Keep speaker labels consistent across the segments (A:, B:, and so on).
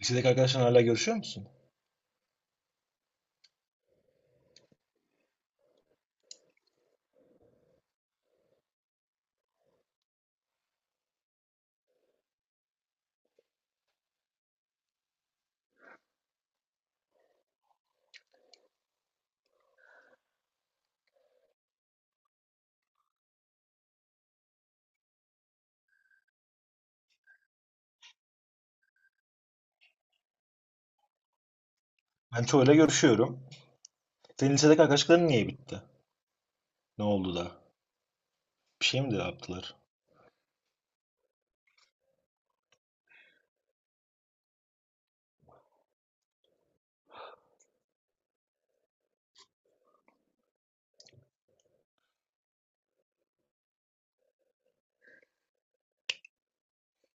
A: Lisedeki arkadaşlarla hala görüşüyor musun? Ben çoğuyla görüşüyorum. Senin lisedeki arkadaşların niye bitti? Ne oldu da? Bir şey mi de yaptılar?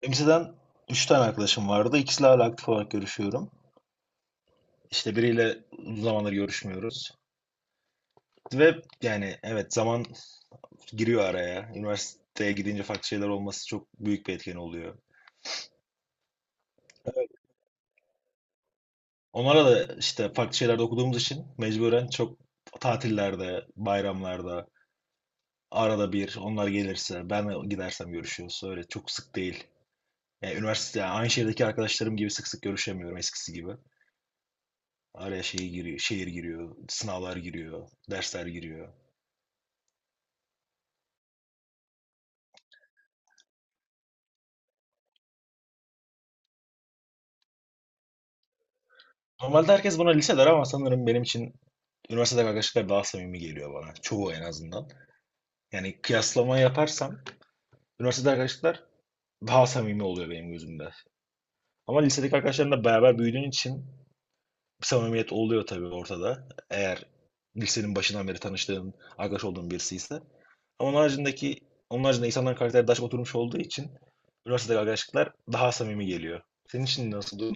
A: Benim liseden 3 tane arkadaşım vardı. İkisiyle hala aktif olarak görüşüyorum. İşte biriyle uzun zamandır görüşmüyoruz. Ve yani evet zaman giriyor araya. Üniversiteye gidince farklı şeyler olması çok büyük bir etken oluyor. Onlara da işte farklı şeylerde okuduğumuz için mecburen çok tatillerde, bayramlarda, arada bir onlar gelirse, ben gidersem görüşüyoruz. Öyle çok sık değil. Yani üniversite yani aynı şehirdeki arkadaşlarım gibi sık sık görüşemiyorum eskisi gibi. Araya şey giriyor, şehir giriyor, sınavlar giriyor, dersler giriyor. Normalde herkes buna lise der ama sanırım benim için üniversitede arkadaşlıklar daha samimi geliyor bana. Çoğu en azından. Yani kıyaslama yaparsam üniversitede arkadaşlıklar daha samimi oluyor benim gözümde. Ama lisedeki arkadaşlarımla beraber büyüdüğün için bir samimiyet oluyor tabii ortada. Eğer lisenin başından beri tanıştığın, arkadaş olduğun birisi ise. Ama onun haricindeki, onun haricinde insanların karakteri daha çok oturmuş olduğu için üniversitedeki arkadaşlıklar daha samimi geliyor. Senin için nasıl durum?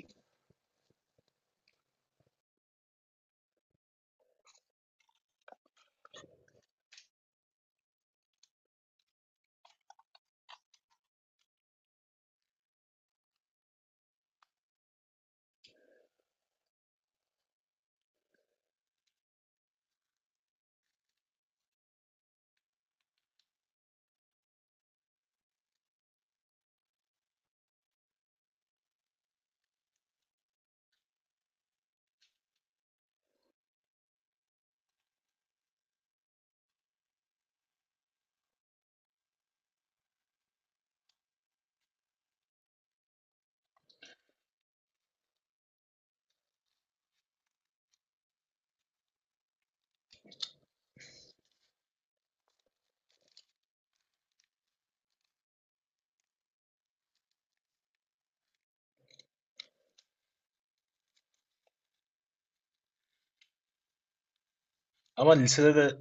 A: Ama lisede de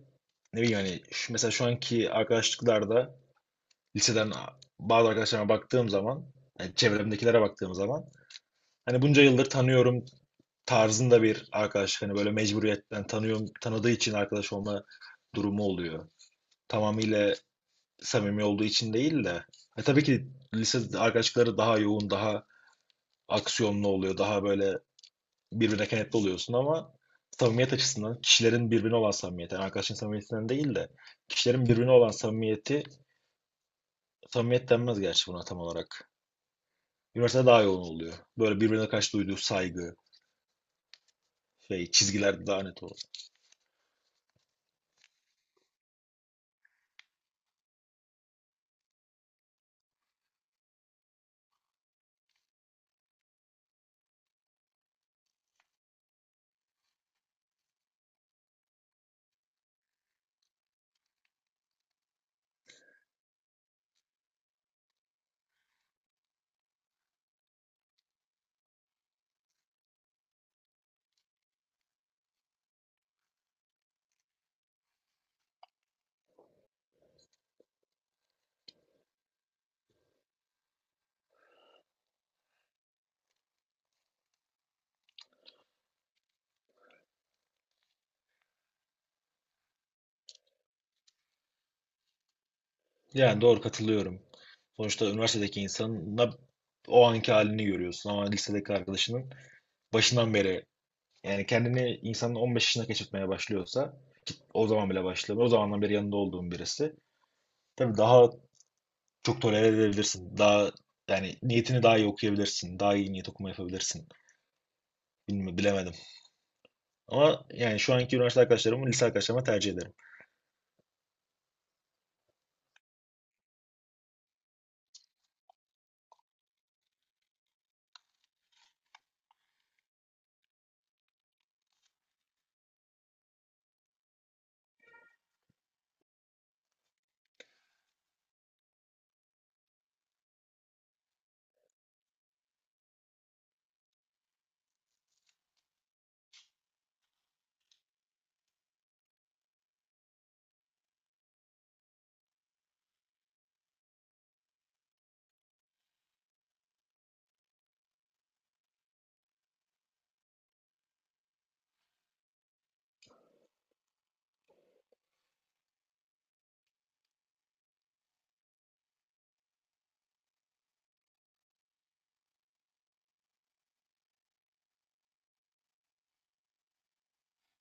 A: ne bileyim hani şu, mesela şu anki arkadaşlıklarda liseden bazı arkadaşlarıma baktığım zaman, yani çevremdekilere baktığım zaman hani bunca yıldır tanıyorum tarzında bir arkadaş hani böyle mecburiyetten tanıyorum tanıdığı için arkadaş olma durumu oluyor. Tamamıyla samimi olduğu için değil de. E tabii ki lise arkadaşlıkları daha yoğun, daha aksiyonlu oluyor, daha böyle birbirine kenetli oluyorsun ama samimiyet açısından kişilerin birbirine olan samimiyeti, yani arkadaşın samimiyetinden değil de kişilerin birbirine olan samimiyeti, samimiyet denmez gerçi buna tam olarak. Üniversitede daha yoğun oluyor. Böyle birbirine karşı duyduğu saygı, şey, çizgiler daha net oluyor. Yani doğru katılıyorum. Sonuçta üniversitedeki insanın o anki halini görüyorsun ama lisedeki arkadaşının başından beri. Yani kendini insanın 15 yaşına keşfetmeye başlıyorsa ki o zaman bile başlamıyor. O zamandan beri yanında olduğun birisi. Tabii daha çok tolere edebilirsin. Daha yani niyetini daha iyi okuyabilirsin. Daha iyi niyet okuma yapabilirsin. Bilmiyorum, bilemedim. Ama yani şu anki üniversite arkadaşlarımı lise arkadaşlarıma tercih ederim.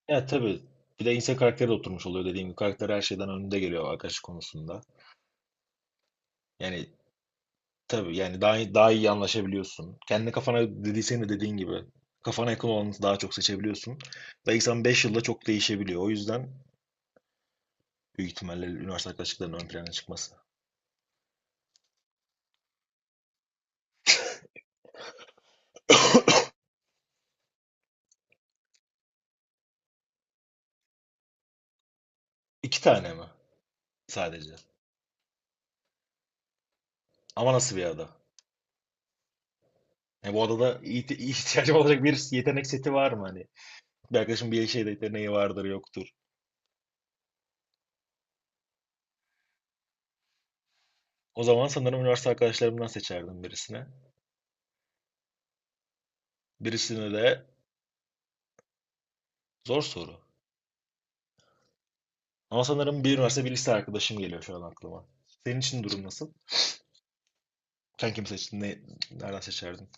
A: Ya tabii bir de insan karakteri de oturmuş oluyor dediğim gibi. Karakter her şeyden önünde geliyor arkadaş konusunda. Yani tabii yani daha iyi anlaşabiliyorsun. Kendi kafana dediğin gibi kafana yakın olanı daha çok seçebiliyorsun. Belki sen 5 yılda çok değişebiliyor. O yüzden büyük ihtimalle üniversite arkadaşlıklarının ön plana çıkması. İki tane mi sadece? Ama nasıl bir ada? Yani bu adada ihtiyacım olacak bir yetenek seti var mı hani? Bir arkadaşım bir şeyde yeteneği vardır yoktur. O zaman sanırım üniversite arkadaşlarımdan seçerdim birisine. Birisine de zor soru. Ama sanırım bir üniversite bir lise arkadaşım geliyor şu an aklıma. Senin için durum nasıl? Sen kimi seçtin? Ne, nereden seçerdin?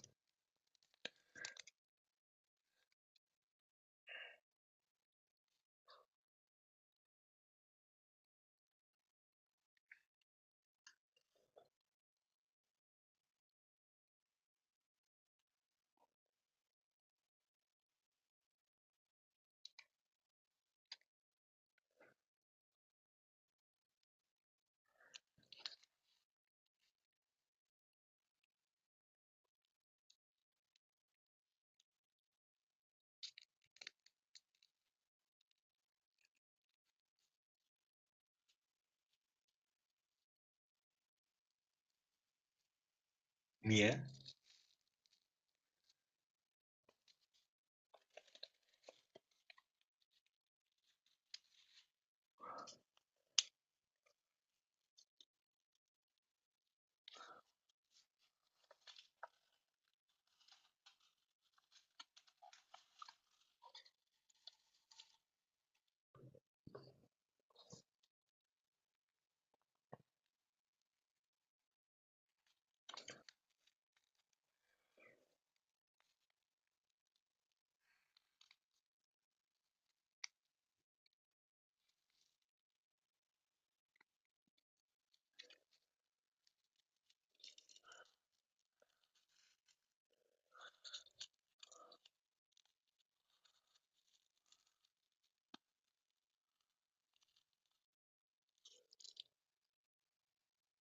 A: Niye?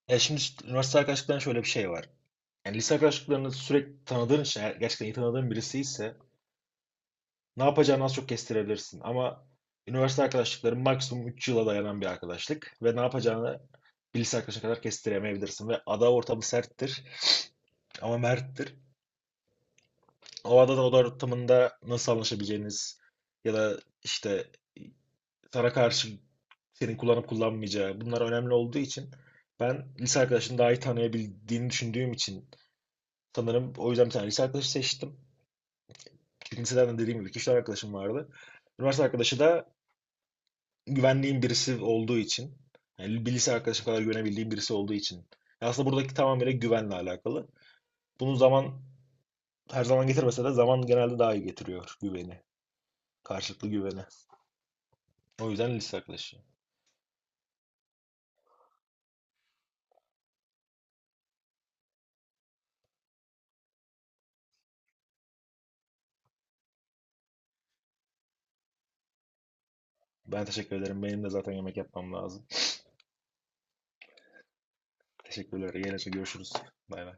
A: Ya şimdi işte üniversite arkadaşlıklarında şöyle bir şey var. Yani lise arkadaşlıklarını sürekli tanıdığın için, eğer gerçekten iyi tanıdığın birisi ise ne yapacağını az çok kestirebilirsin. Ama üniversite arkadaşlıkları maksimum 3 yıla dayanan bir arkadaşlık ve ne yapacağını bir lise arkadaşına kadar kestiremeyebilirsin. Ve ada ortamı serttir ama merttir. O ada da oda ortamında nasıl anlaşabileceğiniz ya da işte sana karşı senin kullanıp kullanmayacağı bunlar önemli olduğu için ben lise arkadaşını daha iyi tanıyabildiğini düşündüğüm için sanırım o yüzden bir tane lise arkadaşı seçtim. Çünkü liseden de dediğim gibi iki üç tane arkadaşım vardı. Üniversite arkadaşı da güvendiğim birisi olduğu için yani bir lise arkadaşım kadar güvenebildiğim birisi olduğu için. Aslında buradaki tamamıyla güvenle alakalı. Bunu zaman her zaman getirmese de zaman genelde daha iyi getiriyor güveni. Karşılıklı güveni. O yüzden lise arkadaşı. Ben teşekkür ederim. Benim de zaten yemek yapmam lazım. Teşekkürler. Yine görüşürüz. Bay bay.